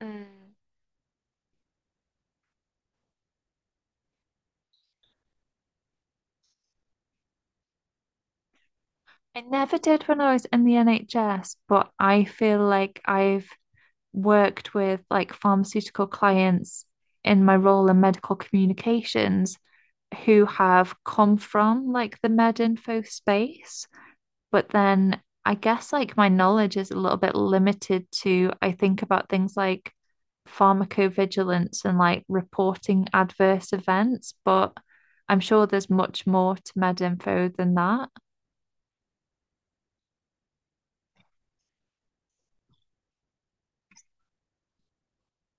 Mm. I never did when I was in the NHS, but I feel like I've worked with like pharmaceutical clients in my role in medical communications who have come from like the med info space. But then I guess like my knowledge is a little bit limited to I think about things like pharmacovigilance and like reporting adverse events, but I'm sure there's much more to med info than that.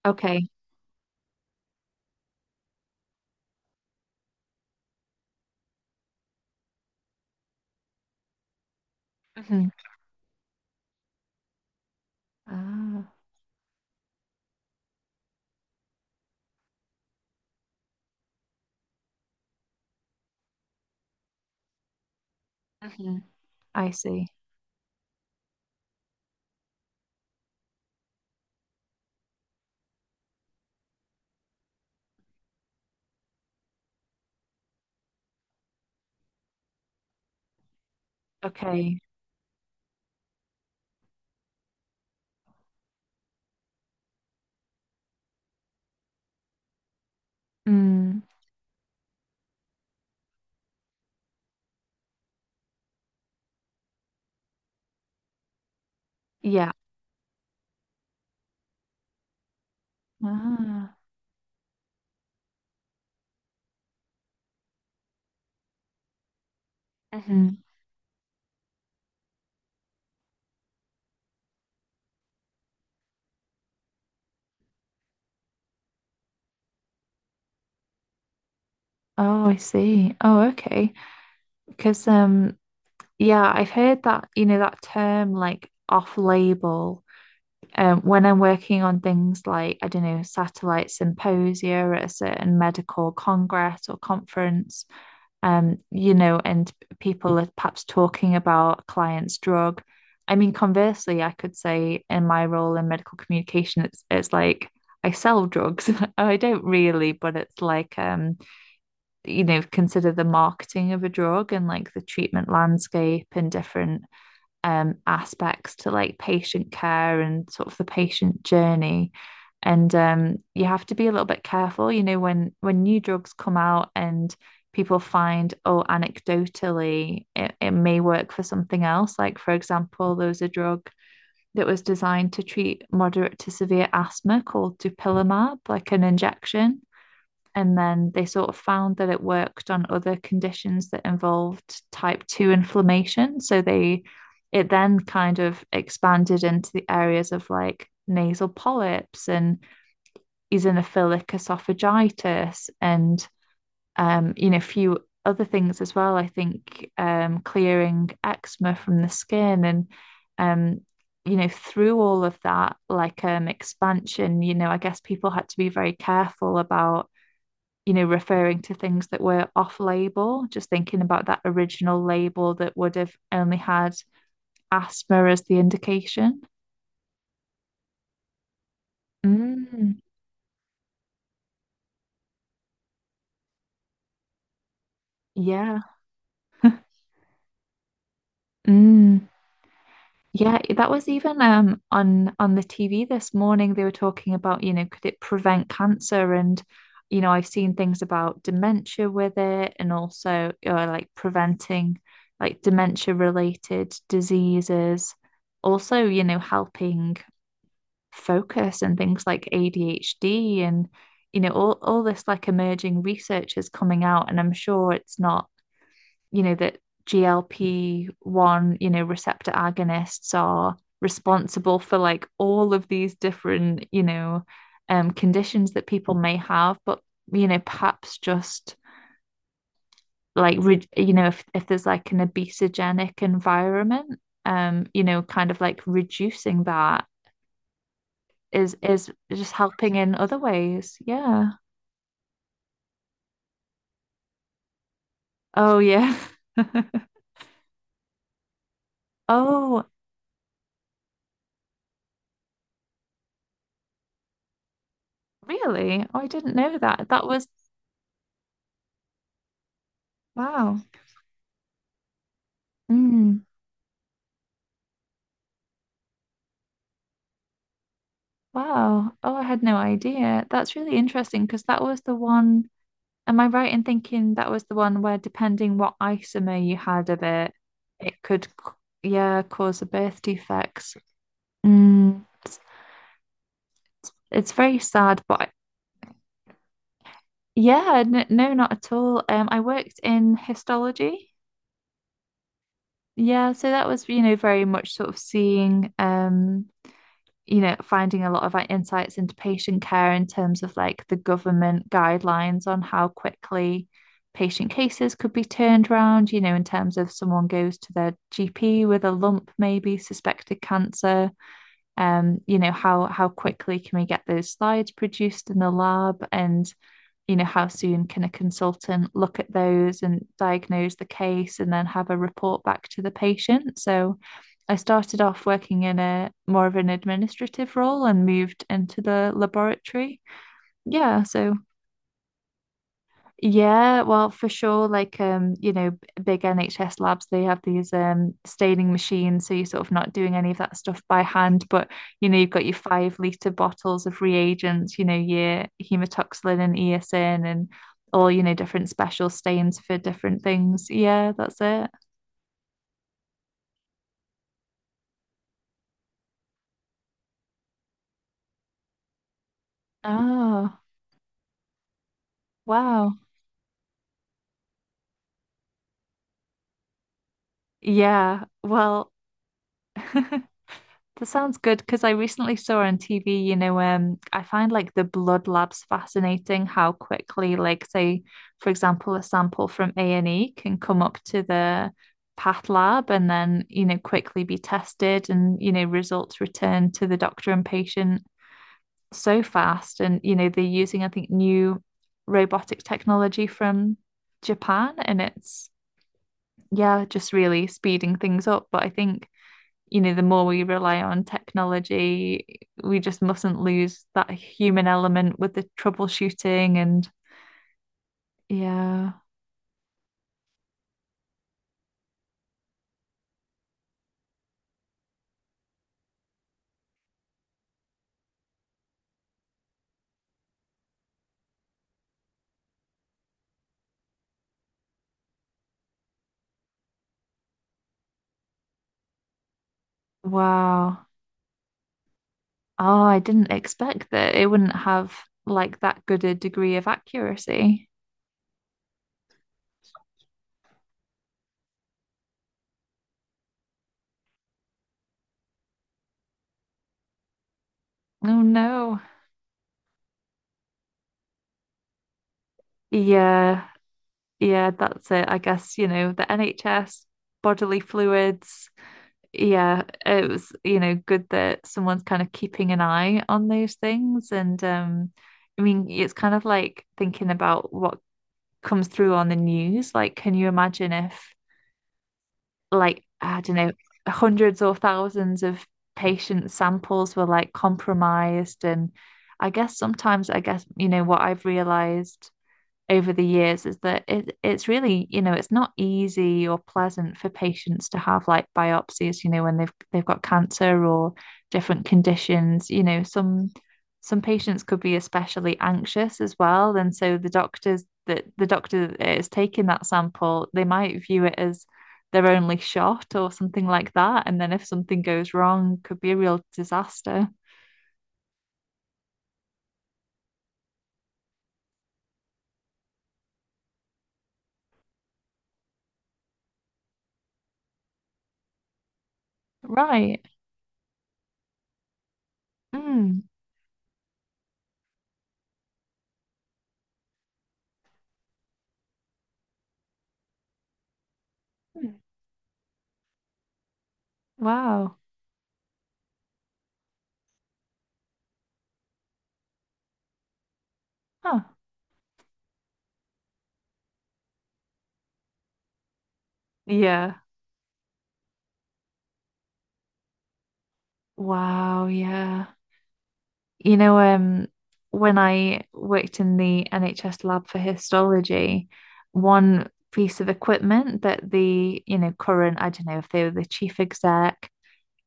Okay. Mhm. Ah, hmm. I see. Okay. Mm, yeah. Ah. Hmm. Mm. Oh, I see. Oh, okay. Because yeah, I've heard that, you know, that term like off-label. When I'm working on things like, I don't know, satellite symposia at a certain medical congress or conference, you know, and people are perhaps talking about client's drug. I mean, conversely, I could say in my role in medical communication, it's like I sell drugs. I don't really, but it's like you know, consider the marketing of a drug and like the treatment landscape and different aspects to like patient care and sort of the patient journey. And you have to be a little bit careful, you know, when new drugs come out and people find, oh, anecdotally, it may work for something else. Like, for example, there was a drug that was designed to treat moderate to severe asthma called dupilumab, like an injection, and then they sort of found that it worked on other conditions that involved type 2 inflammation, so they it then kind of expanded into the areas of like nasal polyps and eosinophilic esophagitis and you know, a few other things as well. I think clearing eczema from the skin, and um, you know, through all of that like expansion, you know, I guess people had to be very careful about, you know, referring to things that were off label, just thinking about that original label that would have only had asthma as the indication. Mm, yeah. Mm, yeah, that was even on the TV this morning. They were talking about, you know, could it prevent cancer, and you know, I've seen things about dementia with it, and also like preventing like dementia related diseases. Also, you know, helping focus and things like ADHD, and you know all this like emerging research is coming out, and I'm sure it's not, you know, that GLP-1, you know, receptor agonists are responsible for like all of these different, you know, conditions that people may have, but you know, perhaps just like, you know, if there's like an obesogenic environment, you know, kind of like reducing that is just helping in other ways. Yeah. Oh yeah. Oh, really? Oh, I didn't know that. That was wow. Mm, wow. Oh, I had no idea. That's really interesting because that was the one. Am I right in thinking that was the one where, depending what isomer you had of it, it could, yeah, cause a birth defects. Mm, it's very sad, but I- yeah, n no, not at all. I worked in histology. Yeah, so that was, you know, very much sort of seeing, you know, finding a lot of like insights into patient care in terms of like the government guidelines on how quickly patient cases could be turned around, you know, in terms of someone goes to their GP with a lump, maybe suspected cancer, you know, how quickly can we get those slides produced in the lab, and you know, how soon can a consultant look at those and diagnose the case and then have a report back to the patient? So I started off working in a more of an administrative role and moved into the laboratory. Yeah, so yeah, well, for sure. Like, you know, big NHS labs, they have these staining machines, so you're sort of not doing any of that stuff by hand. But you know, you've got your 5 liter bottles of reagents, you know, your hematoxylin and eosin, and all you know, different special stains for different things. Yeah, that's it. Oh, wow. Yeah, well. That sounds good because I recently saw on TV, you know, I find like the blood labs fascinating how quickly, like, say, for example, a sample from A&E can come up to the path lab and then, you know, quickly be tested and, you know, results returned to the doctor and patient so fast. And, you know, they're using, I think, new robotic technology from Japan, and it's, yeah, just really speeding things up. But I think, you know, the more we rely on technology, we just mustn't lose that human element with the troubleshooting and yeah. Wow. Oh, I didn't expect that it wouldn't have like that good a degree of accuracy. Oh no. Yeah. Yeah, that's it. I guess, you know, the NHS, bodily fluids, yeah, it was, you know, good that someone's kind of keeping an eye on those things. And I mean, it's kind of like thinking about what comes through on the news. Like, can you imagine if, like, I don't know, hundreds or thousands of patient samples were like compromised? And I guess sometimes, I guess, you know, what I've realized over the years is that it's really, you know, it's not easy or pleasant for patients to have like biopsies, you know, when they've got cancer or different conditions, you know, some patients could be especially anxious as well. And so the doctor that is taking that sample, they might view it as their only shot or something like that. And then if something goes wrong, could be a real disaster. Right. Mm. Wow. Huh. Yeah. Wow, yeah. You know, when I worked in the NHS lab for histology, one piece of equipment that the, you know, current, I don't know if they were the chief exec,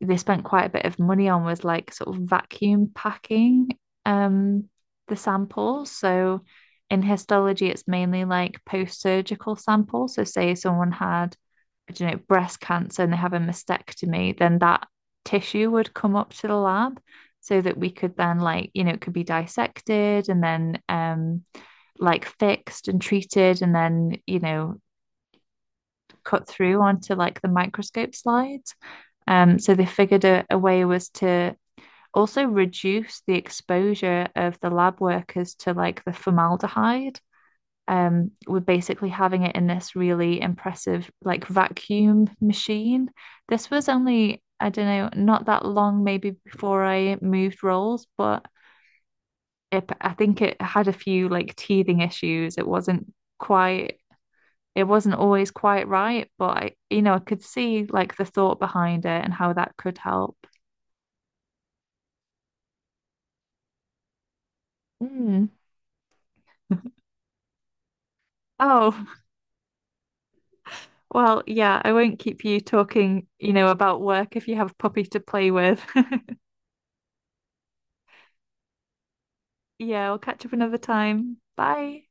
they spent quite a bit of money on was like sort of vacuum packing um the samples. So in histology, it's mainly like post-surgical samples. So say someone had, you know, breast cancer and they have a mastectomy, then that tissue would come up to the lab so that we could then like, you know, it could be dissected and then like fixed and treated and then, you know, cut through onto like the microscope slides. So they figured a way was to also reduce the exposure of the lab workers to like the formaldehyde, we're basically having it in this really impressive like vacuum machine. This was only, I don't know, not that long maybe before I moved roles, but it, I think it had a few like teething issues. It wasn't quite, it wasn't always quite right, but I, you know, I could see like the thought behind it and how that could help. Mm. Oh, well, yeah, I won't keep you talking, you know, about work if you have a puppy to play with. Yeah, we'll catch up another time. Bye.